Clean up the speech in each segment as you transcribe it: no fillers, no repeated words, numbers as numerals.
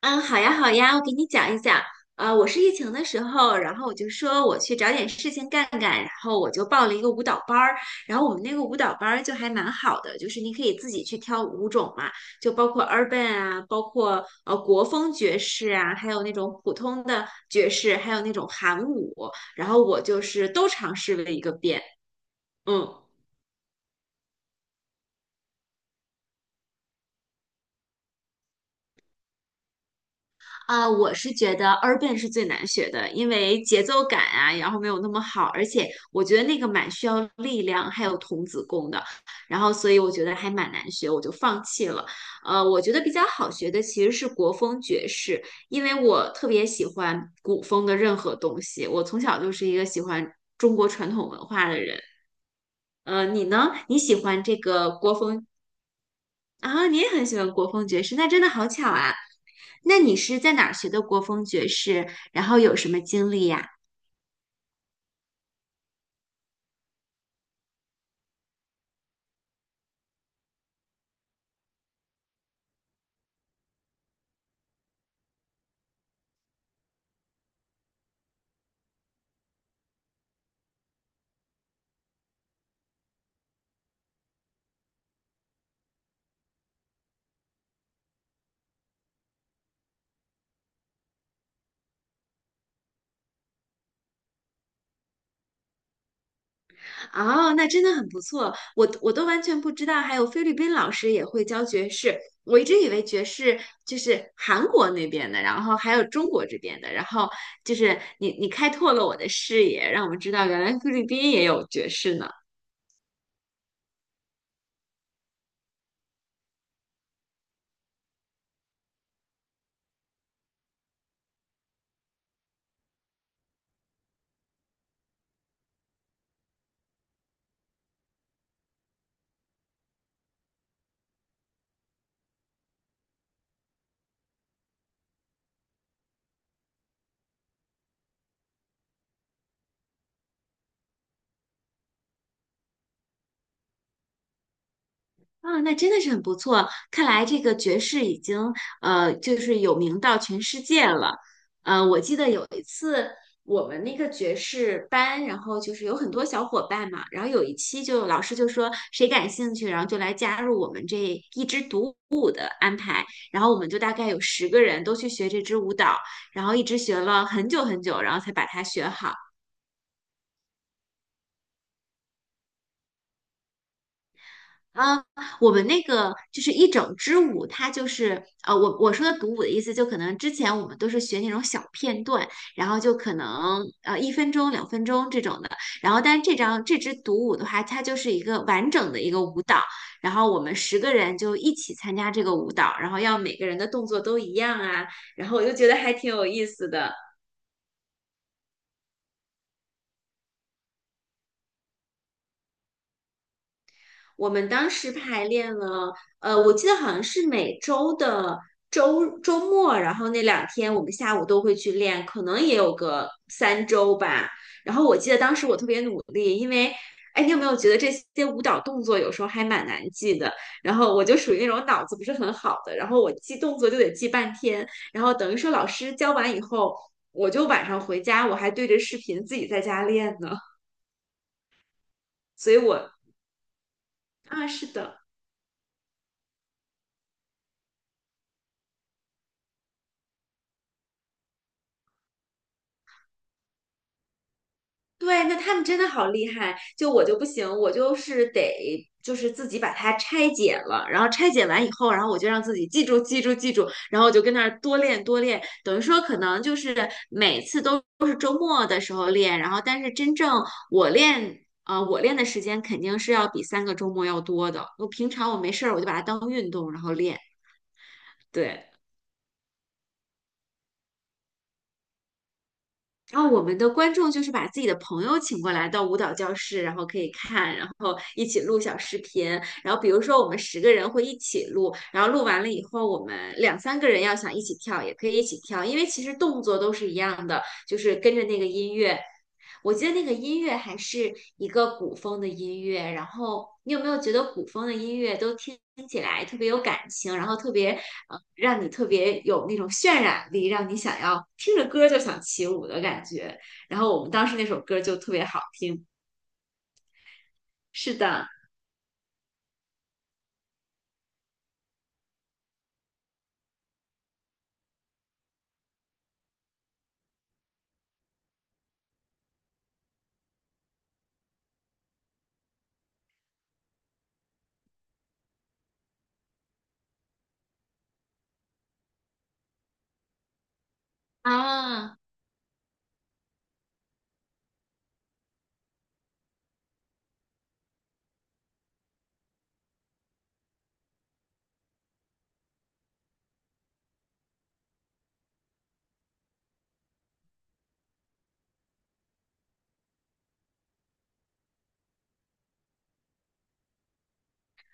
嗯，好呀，好呀，我给你讲一讲。我是疫情的时候，然后我就说我去找点事情干干，然后我就报了一个舞蹈班儿。然后我们那个舞蹈班儿就还蛮好的，就是你可以自己去挑舞种嘛，就包括 urban 啊，包括国风爵士啊，还有那种普通的爵士，还有那种韩舞。然后我就是都尝试了一个遍。嗯。啊，我是觉得 urban 是最难学的，因为节奏感啊，然后没有那么好，而且我觉得那个蛮需要力量，还有童子功的，然后所以我觉得还蛮难学，我就放弃了。我觉得比较好学的其实是国风爵士，因为我特别喜欢古风的任何东西，我从小就是一个喜欢中国传统文化的人。你呢？你喜欢这个国风啊？你也很喜欢国风爵士，那真的好巧啊！那你是在哪儿学的国风爵士？然后有什么经历呀？哦，那真的很不错，我都完全不知道，还有菲律宾老师也会教爵士。我一直以为爵士就是韩国那边的，然后还有中国这边的，然后就是你开拓了我的视野，让我知道原来菲律宾也有爵士呢。啊，那真的是很不错。看来这个爵士已经就是有名到全世界了。我记得有一次我们那个爵士班，然后就是有很多小伙伴嘛，然后有一期就老师就说谁感兴趣，然后就来加入我们这一支独舞的安排。然后我们就大概有十个人都去学这支舞蹈，然后一直学了很久很久，然后才把它学好。啊，我们那个就是一整支舞，它就是我说的独舞的意思，就可能之前我们都是学那种小片段，然后就可能一分钟、两分钟这种的，然后但是这支独舞的话，它就是一个完整的一个舞蹈，然后我们十个人就一起参加这个舞蹈，然后要每个人的动作都一样啊，然后我就觉得还挺有意思的。我们当时排练了，我记得好像是每周的周末，然后那两天我们下午都会去练，可能也有个三周吧。然后我记得当时我特别努力，因为，哎，你有没有觉得这些舞蹈动作有时候还蛮难记的？然后我就属于那种脑子不是很好的，然后我记动作就得记半天，然后等于说老师教完以后，我就晚上回家我还对着视频自己在家练呢，所以我啊，是的。对，那他们真的好厉害，就我就不行，我就是得就是自己把它拆解了，然后拆解完以后，然后我就让自己记住记住记住，然后我就跟那儿多练多练，等于说可能就是每次都是周末的时候练，然后但是真正我练。我练的时间肯定是要比3个周末要多的。我平常我没事儿，我就把它当运动，然后练。对。然后我们的观众就是把自己的朋友请过来到舞蹈教室，然后可以看，然后一起录小视频。然后比如说我们十个人会一起录，然后录完了以后，我们两三个人要想一起跳，也可以一起跳，因为其实动作都是一样的，就是跟着那个音乐。我记得那个音乐还是一个古风的音乐，然后你有没有觉得古风的音乐都听起来特别有感情，然后特别让你特别有那种渲染力，让你想要听着歌就想起舞的感觉。然后我们当时那首歌就特别好听。是的，啊。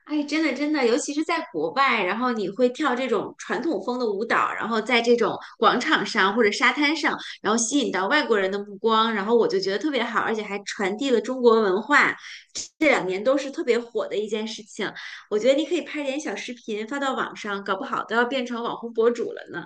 哎，真的真的，尤其是在国外，然后你会跳这种传统风的舞蹈，然后在这种广场上或者沙滩上，然后吸引到外国人的目光，然后我就觉得特别好，而且还传递了中国文化，这两年都是特别火的一件事情。我觉得你可以拍点小视频发到网上，搞不好都要变成网红博主了呢。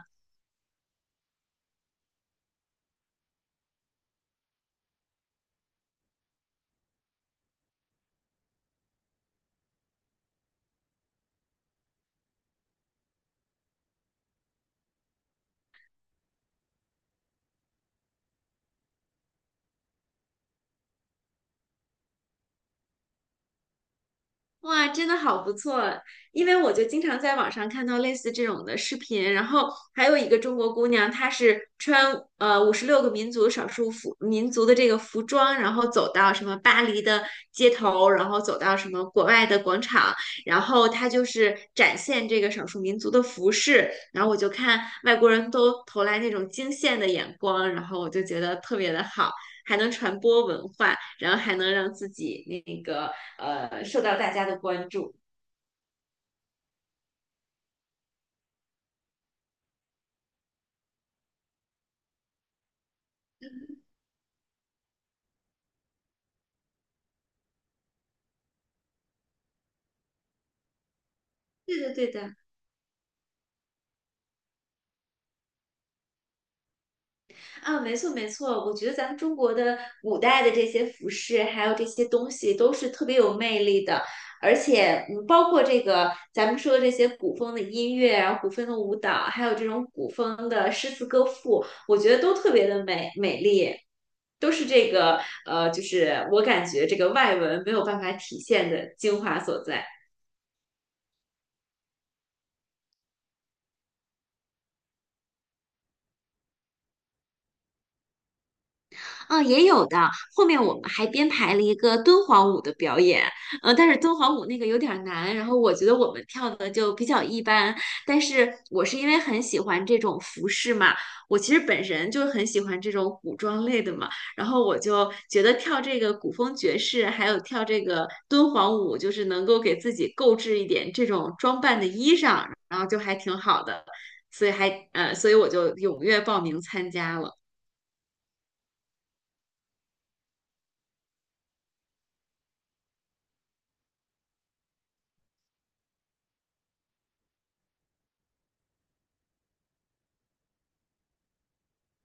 哇，真的好不错！因为我就经常在网上看到类似这种的视频，然后还有一个中国姑娘，她是穿56个民族少数服民族的这个服装，然后走到什么巴黎的街头，然后走到什么国外的广场，然后她就是展现这个少数民族的服饰，然后我就看外国人都投来那种惊羡的眼光，然后我就觉得特别的好。还能传播文化，然后还能让自己那个受到大家的关注。对的，对的，啊，没错，没错，我觉得咱们中国的古代的这些服饰，还有这些东西，都是特别有魅力的，而且，嗯，包括这个咱们说的这些古风的音乐啊，古风的舞蹈，还有这种古风的诗词歌赋，我觉得都特别的美丽，都是这个就是我感觉这个外文没有办法体现的精华所在。嗯，也有的。后面我们还编排了一个敦煌舞的表演，但是敦煌舞那个有点儿难，然后我觉得我们跳的就比较一般。但是我是因为很喜欢这种服饰嘛，我其实本身就很喜欢这种古装类的嘛，然后我就觉得跳这个古风爵士，还有跳这个敦煌舞，就是能够给自己购置一点这种装扮的衣裳，然后就还挺好的，所以我就踊跃报名参加了。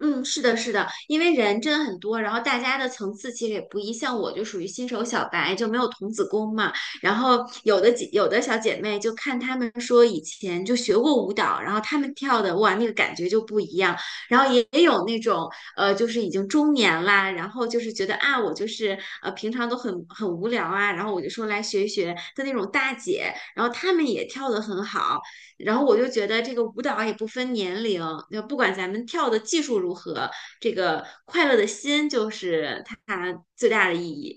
嗯，是的，是的，因为人真的很多，然后大家的层次其实也不一，像我就属于新手小白，就没有童子功嘛。然后有的小姐妹就看她们说以前就学过舞蹈，然后她们跳的哇，那个感觉就不一样。然后也有那种就是已经中年啦，然后就是觉得啊，我就是平常都很无聊啊，然后我就说来学一学的那种大姐，然后她们也跳得很好。然后我就觉得这个舞蹈也不分年龄，就不管咱们跳的技术如何，这个快乐的心就是它最大的意义。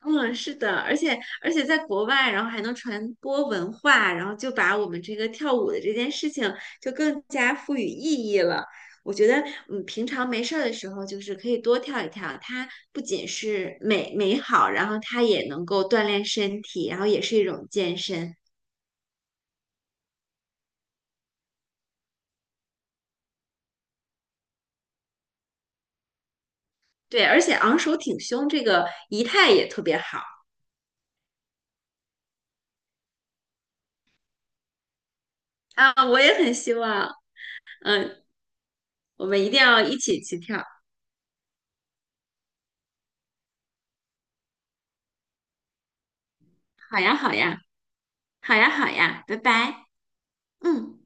嗯，是的，而且在国外，然后还能传播文化，然后就把我们这个跳舞的这件事情就更加赋予意义了。我觉得，嗯，平常没事儿的时候，就是可以多跳一跳。它不仅是美好，然后它也能够锻炼身体，然后也是一种健身。对，而且昂首挺胸这个仪态也特别好。啊，我也很希望，嗯，我们一定要一起去跳。好呀，好呀，好呀，好呀，拜拜，嗯。